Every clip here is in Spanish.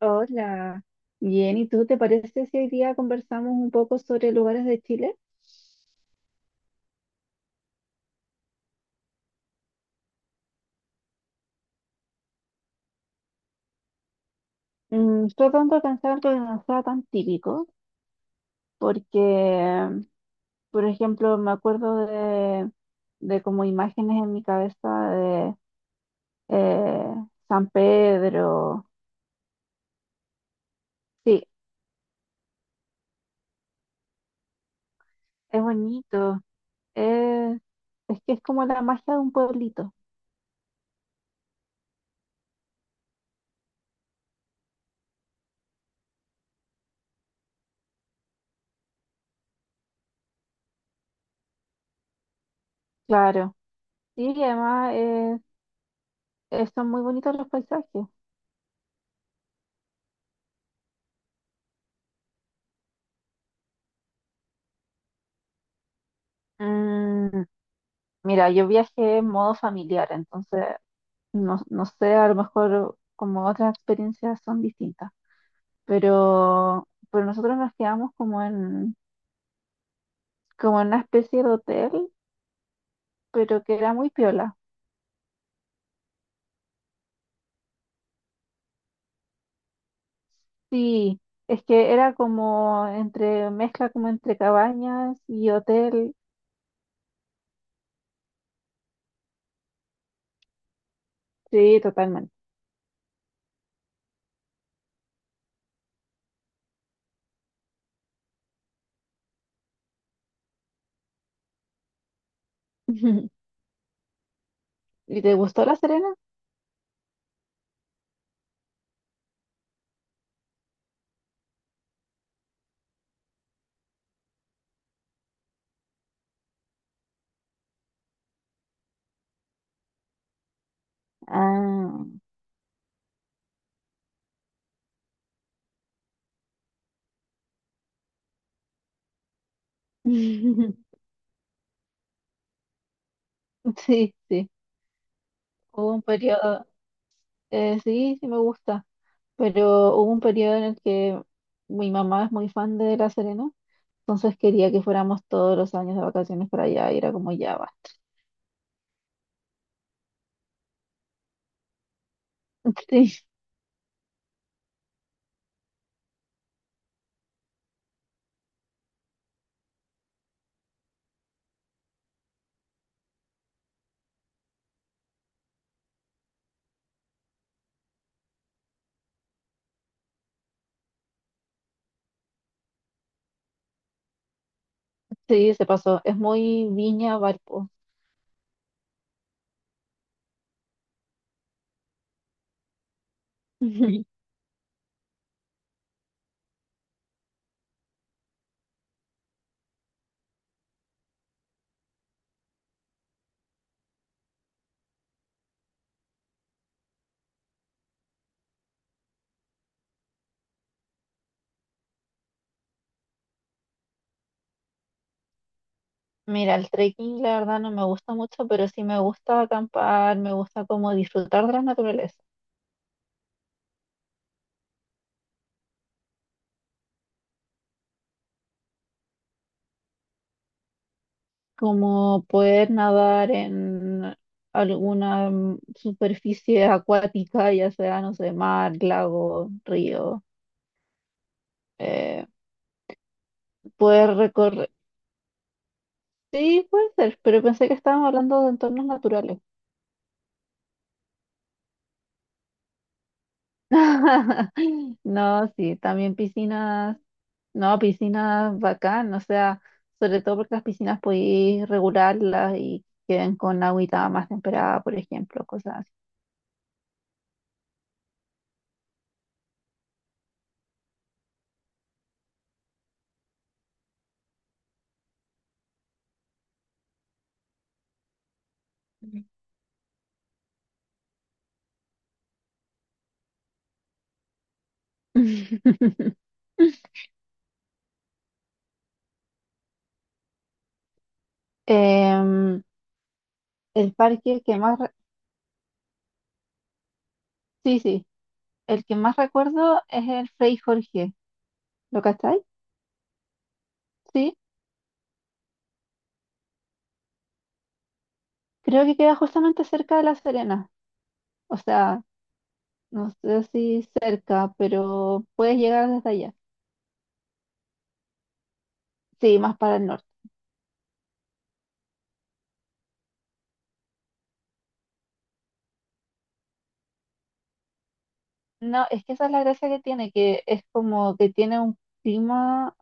Hola, bien, ¿y tú te parece si hoy día conversamos un poco sobre lugares de Chile? Mm, tratando de pensar algo que no sea tan típico, porque, por ejemplo, me acuerdo de como imágenes en mi cabeza de eh, San Pedro. Sí, es bonito, es, es que es como la magia de un pueblito, claro. Sí, y además son muy bonitos los paisajes. Mm, mira, yo viajé en modo familiar, entonces no, no sé, a lo mejor como otras experiencias son distintas, pero nosotros nos quedamos como en una especie de hotel, pero que era muy piola. Sí, es que era como entre mezcla como entre cabañas y hotel, sí, totalmente. ¿Y te gustó La Serena? Ah. Sí, sí, hubo un periodo, sí, sí me gusta. Pero hubo un periodo en el que mi mamá es muy fan de La Serena, entonces quería que fuéramos todos los años de vacaciones para allá y era como ya va. Sí, sí, se pasó. Es muy Viña Valpo. Mira, el trekking la verdad no me gusta mucho, pero sí me gusta acampar, me gusta como disfrutar de la naturaleza, como poder nadar en alguna superficie acuática, ya sea, no sé, mar, lago, río, eh, poder recorrer, sí, puede ser, pero pensé que estábamos hablando de entornos naturales. No, sí, también piscinas, no, piscinas bacán, o sea, sobre todo porque las piscinas podéis regularlas y queden con agüita más temperada, por ejemplo, cosas así. Em, el parque que más, sí, sí, el que más recuerdo es el Frei Jorge, ¿lo cacháis? Sí, creo que queda justamente cerca de La Serena, o sea, no sé si cerca, pero puedes llegar desde allá. Sí, más para el norte. No, es que esa es la gracia que tiene, que es como que tiene un clima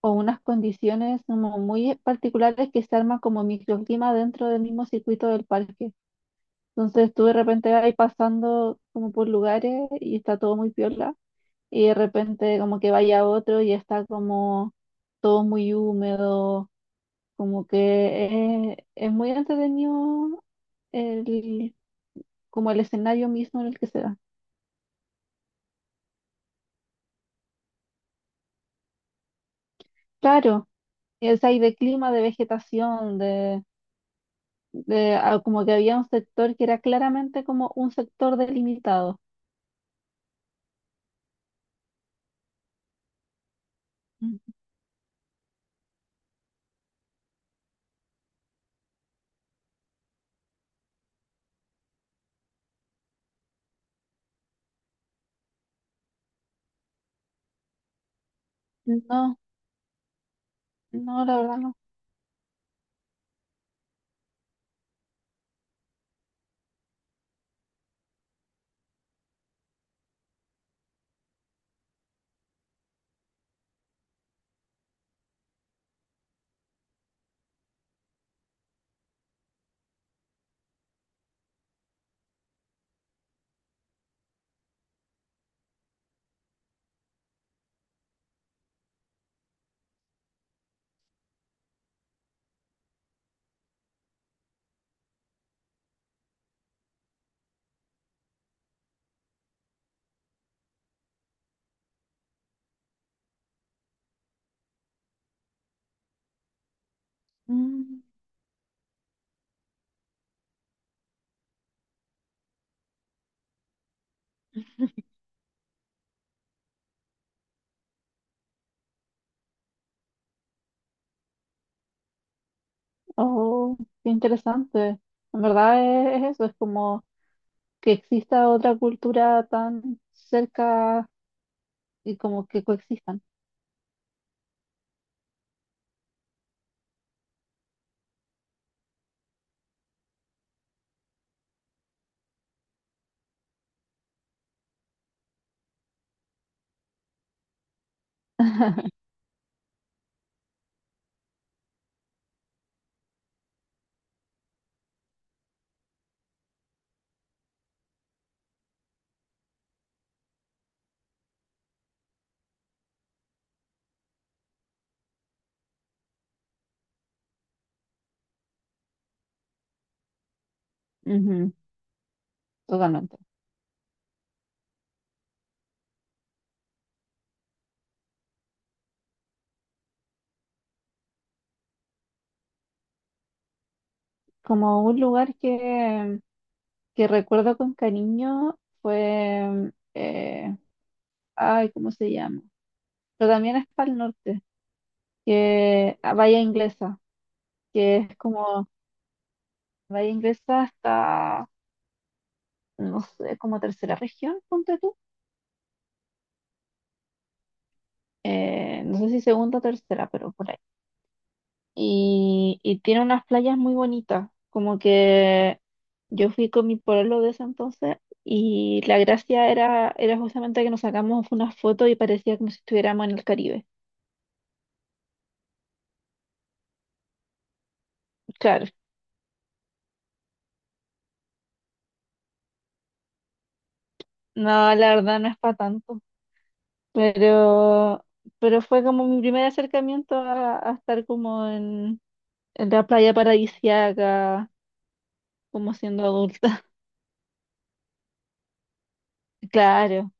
o unas condiciones como muy particulares que se arman como microclima dentro del mismo circuito del parque. Entonces tú de repente vas pasando como por lugares y está todo muy piola y de repente como que vaya a otro y está como todo muy húmedo, como que es muy entretenido el como el escenario mismo en el que se da. Claro, es ahí de clima, de vegetación, de, como que había un sector que era claramente como un sector delimitado. Ujú. No, no, la verdad no. Mm, oh, qué interesante. En verdad es eso, es como que exista otra cultura tan cerca y como que coexistan. Ujú, totalmente. Como un lugar que recuerdo con cariño fue ay, ¿cómo se llama? Pero también es para el norte, que a Bahía Inglesa, que es como, Bahía Inglesa está, no sé, como tercera región, ponte tú. No sé si segunda o tercera, pero por ahí. Y tiene unas playas muy bonitas, como que yo fui con mi pueblo de ese entonces y la gracia era justamente que nos sacamos unas fotos y parecía como si estuviéramos en el Caribe. Claro, no, la verdad no es para tanto. Pero, pero fue como mi primer acercamiento a estar como en la playa paradisíaca, como siendo adulta. Claro.